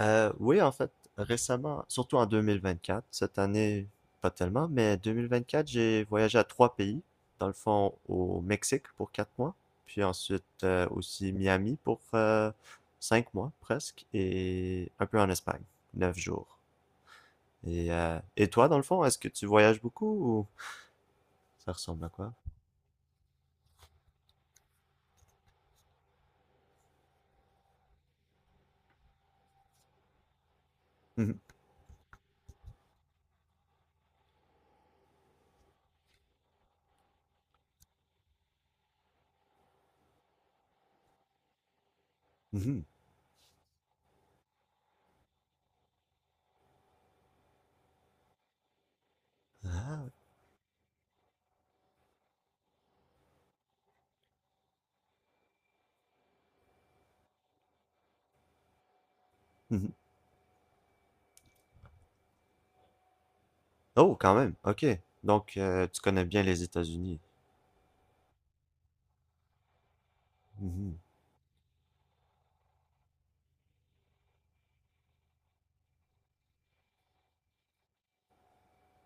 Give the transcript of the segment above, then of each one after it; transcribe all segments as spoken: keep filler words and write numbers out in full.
Euh, oui, en fait, récemment, surtout en deux mille vingt-quatre, cette année, pas tellement, mais deux mille vingt-quatre, j'ai voyagé à trois pays. Dans le fond, au Mexique pour quatre mois, puis ensuite euh, aussi Miami pour euh, cinq mois presque, et un peu en Espagne, neuf jours. Et, euh, et toi, dans le fond, est-ce que tu voyages beaucoup ou ça ressemble à quoi? Mhm, mhm. Ah, mhm. Oh, quand même, ok. Donc, euh, tu connais bien les États-Unis.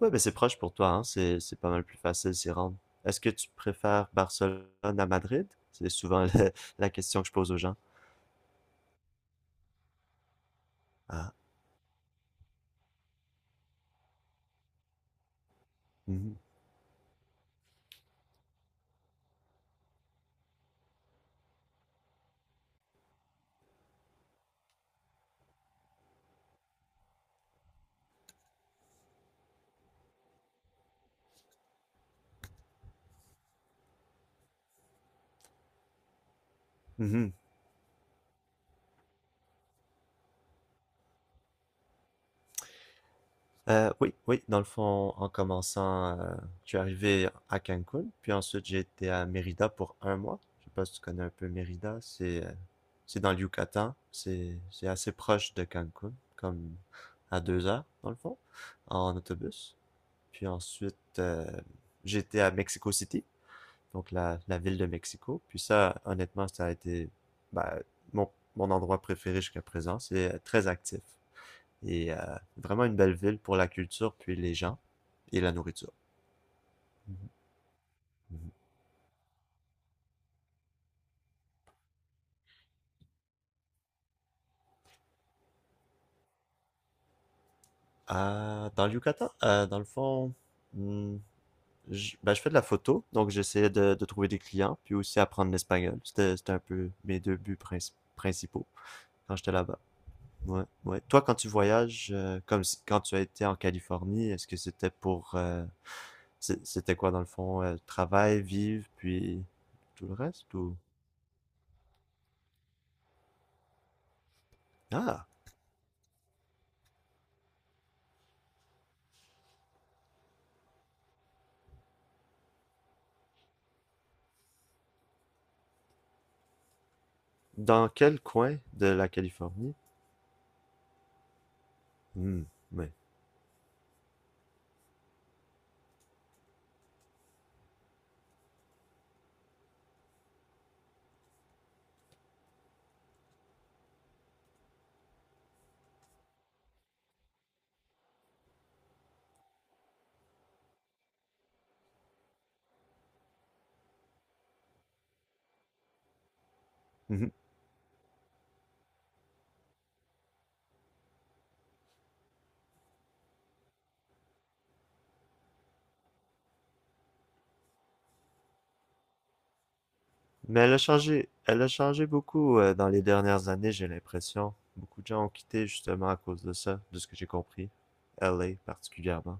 Ouais, ben c'est proche pour toi, hein. C'est, c'est pas mal plus facile s'y rendre. Est-ce que tu préfères Barcelone à Madrid? C'est souvent la, la question que je pose aux gens. Ah, mhm, mhm. Euh, oui, oui, dans le fond, en commençant, euh, je suis arrivé à Cancun, puis ensuite j'ai été à Mérida pour un mois. Je sais pas si tu connais un peu Mérida, c'est, euh, c'est dans le Yucatan, c'est, c'est assez proche de Cancun, comme à deux heures, dans le fond, en autobus. Puis ensuite, euh, j'ai à Mexico City, donc la, la ville de Mexico. Puis ça, honnêtement, ça a été ben, mon, mon endroit préféré jusqu'à présent. C'est euh, très actif et euh, vraiment une belle ville pour la culture, puis les gens et la nourriture. Mm-hmm. Euh, dans le Yucatan, euh, dans le fond, hmm, je, ben, je fais de la photo, donc j'essayais de, de trouver des clients, puis aussi apprendre l'espagnol. C'était, c'était un peu mes deux buts princi- principaux quand j'étais là-bas. Ouais, ouais. Toi, quand tu voyages, euh, comme si- quand tu as été en Californie, est-ce que c'était pour euh, C'est- C'était quoi dans le fond? Euh, travail, vivre, puis tout le reste ou. Ah! Dans quel coin de la Californie? Hmm, mais. Mhm. Mais elle a changé, elle a changé beaucoup euh, dans les dernières années, j'ai l'impression. Beaucoup de gens ont quitté justement à cause de ça, de ce que j'ai compris. L A particulièrement.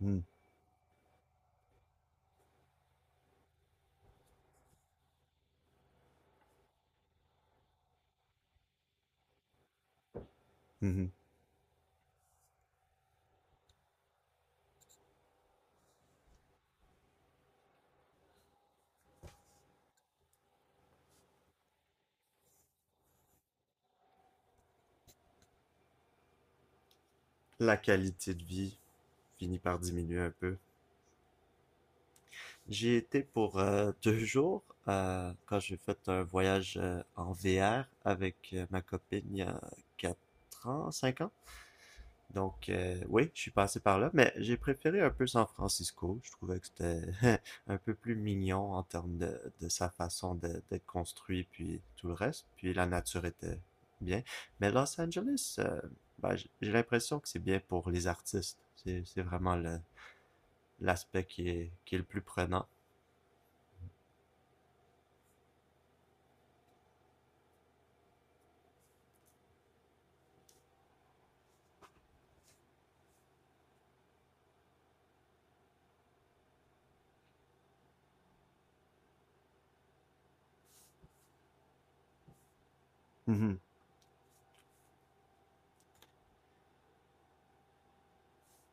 Hmm, mhm. La qualité de vie finit par diminuer un peu. J'y étais pour euh, deux jours euh, quand j'ai fait un voyage euh, en V R avec euh, ma copine il y a quatre ans, cinq ans. Donc euh, oui, je suis passé par là, mais j'ai préféré un peu San Francisco. Je trouvais que c'était un peu plus mignon en termes de, de sa façon de- d'être construit, puis tout le reste. Puis la nature était bien. Mais Los Angeles, euh, ben, j'ai j'ai l'impression que c'est bien pour les artistes. C'est c'est vraiment le- l'aspect qui est, qui est le plus prenant. Mhm.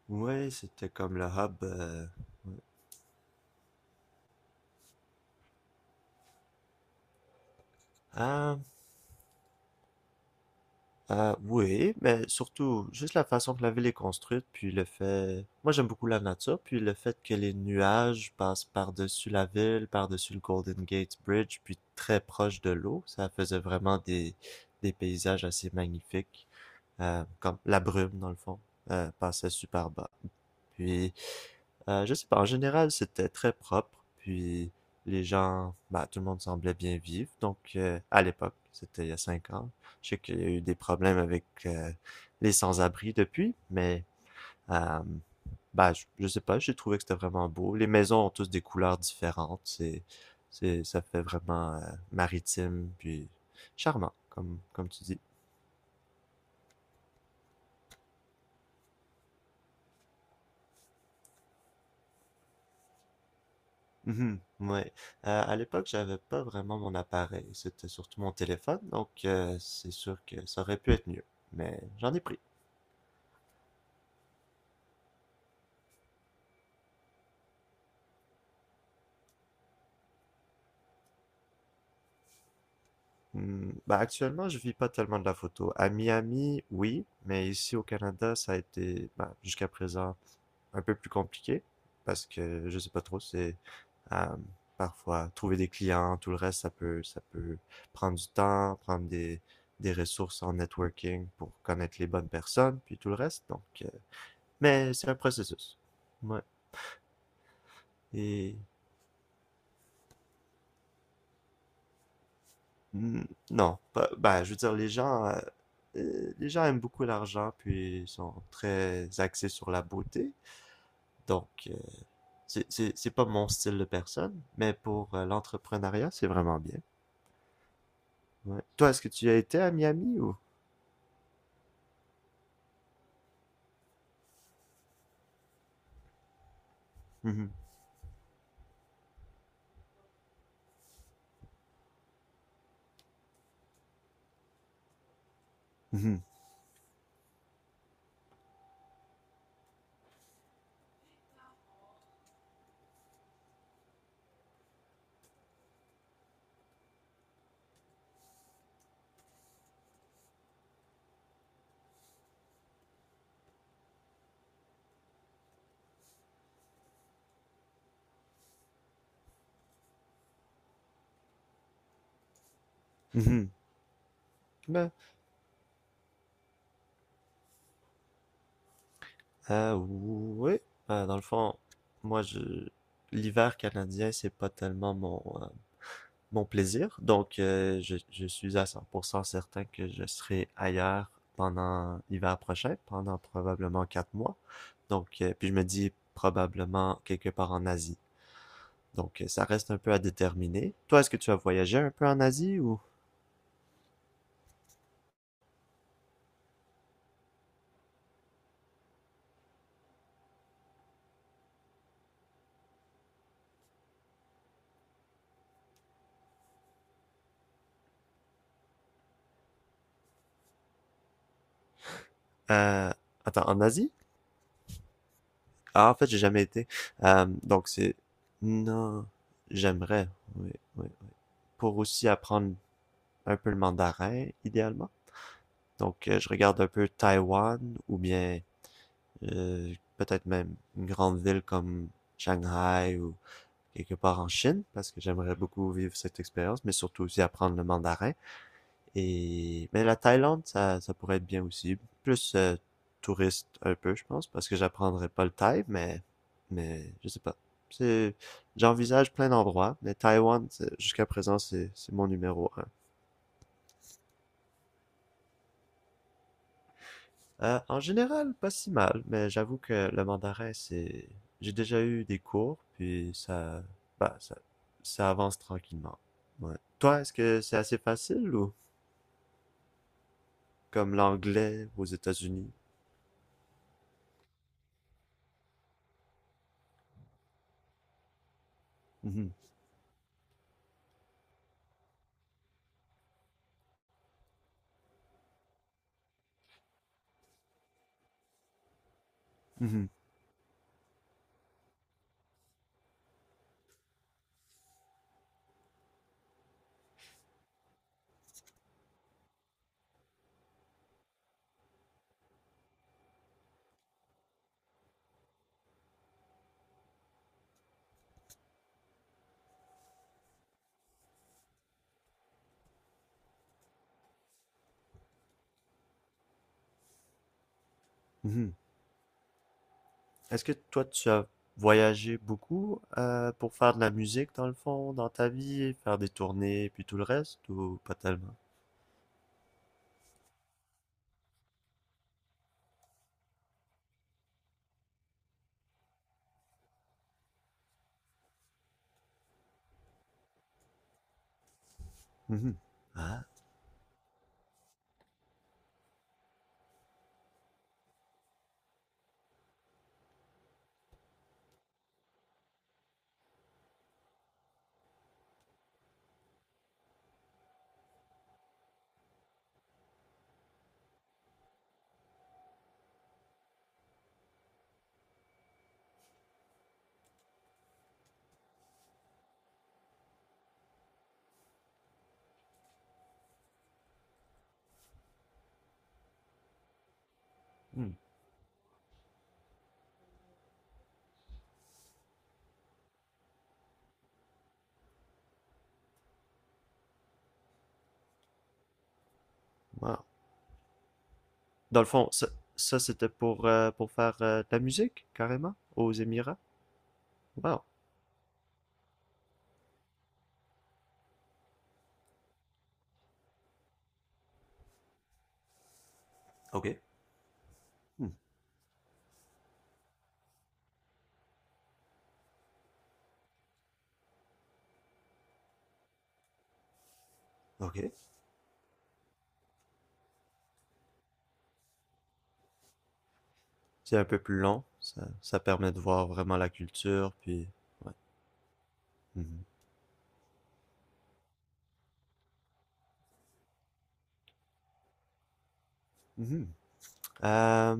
Oui, c'était comme le hub. euh, Ah, ah, oui, mais surtout, juste la façon que la ville est construite, puis le fait. Moi, j'aime beaucoup la nature, puis le fait que les nuages passent par-dessus la ville, par-dessus le Golden Gate Bridge, puis très proche de l'eau, ça faisait vraiment des, des paysages assez magnifiques. Euh, comme la brume, dans le fond, euh, passait super bas. Puis, Euh, je sais pas, en général, c'était très propre, puis les gens, bah, tout le monde semblait bien vivre. Donc, euh, à l'époque, c'était il y a cinq ans. Je sais qu'il y a eu des problèmes avec euh, les sans-abri depuis, mais euh, bah, je, je sais pas, j'ai trouvé que c'était vraiment beau. Les maisons ont tous des couleurs différentes. C'est, c'est, ça fait vraiment euh, maritime, puis charmant, comme, comme tu dis. Mhm, ouais. Euh, à l'époque, j'avais pas vraiment mon appareil. C'était surtout mon téléphone, donc euh, c'est sûr que ça aurait pu être mieux. Mais j'en ai pris. Hmm, bah, actuellement, je vis pas tellement de la photo. À Miami, oui, mais ici au Canada, ça a été bah, jusqu'à présent un peu plus compliqué parce que je sais pas trop. C'est euh, parfois trouver des clients, tout le reste, ça peut, ça peut prendre du temps, prendre des des ressources en networking pour connaître les bonnes personnes, puis tout le reste. Donc, euh, mais c'est un processus. Ouais. Et mm, non, bah ben, je veux dire, les gens, euh, euh, les gens aiment beaucoup l'argent, puis ils sont très axés sur la beauté. Donc, euh, c'est c'est- c'est pas mon style de personne, mais pour euh, l'entrepreneuriat, c'est vraiment bien. Ouais. Toi, est-ce que tu as été à Miami ou? Mhm. Mhm. Mhm. Ben, euh, oui. Ben, dans le fond, moi, je l'hiver canadien, c'est pas tellement mon, euh, mon plaisir. Donc, euh, je, je suis à cent pour cent certain que je serai ailleurs pendant l'hiver prochain, pendant probablement quatre mois. Donc, euh, puis je me dis probablement quelque part en Asie. Donc, euh, ça reste un peu à déterminer. Toi, est-ce que tu as voyagé un peu en Asie ou. Euh, Attends, en Asie? Ah, en fait, j'ai jamais été. Euh, donc, c'est. Non, j'aimerais. Oui, oui, oui. Pour aussi apprendre un peu le mandarin, idéalement. Donc, euh, je regarde un peu Taïwan ou bien euh, peut-être même une grande ville comme Shanghai ou quelque part en Chine, parce que j'aimerais beaucoup vivre cette expérience, mais surtout aussi apprendre le mandarin. Et mais la Thaïlande, ça, ça pourrait être bien aussi, plus euh, touriste un peu, je pense, parce que j'apprendrai pas le thaï, mais mais je sais pas. C'est J'envisage plein d'endroits, mais Taïwan jusqu'à présent c'est c'est mon numéro un. Euh, en général, pas si mal, mais j'avoue que le mandarin, c'est. J'ai déjà eu des cours, puis ça. Bah, ça, ça avance tranquillement. Ouais. Toi, est-ce que c'est assez facile ou comme l'anglais aux États-Unis? Mhm, mhm, mhm. Est-ce que toi, tu as voyagé beaucoup euh, pour faire de la musique dans le fond, dans ta vie, faire des tournées, puis tout le reste, ou pas tellement? Mhm. Ah, hmm, wow. Dans le fond, ça, ça, c'était pour, euh, pour faire euh, de la musique, carrément, aux Émirats. Wow. Ok. Hmm, ok. C'est un peu plus long. Ça, ça permet de voir vraiment la culture, puis. Ouais. Mhm. Mhm. Euh,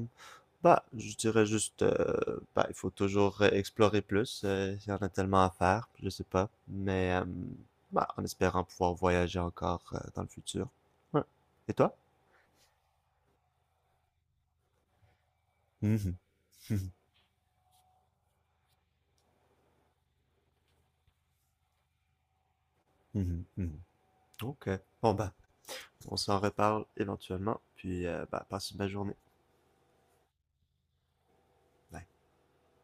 Bah, je dirais juste, euh, bah, il faut toujours euh, explorer plus. euh, Il y en a tellement à faire, je sais pas. Mais, euh, bah, en espérant pouvoir voyager encore euh, dans le futur. Ouais. Et toi? Mhm, mhm, mhm, mhm. Ok. Bon, bah, on s'en reparle éventuellement, puis euh, bah, passe une belle journée. Bye.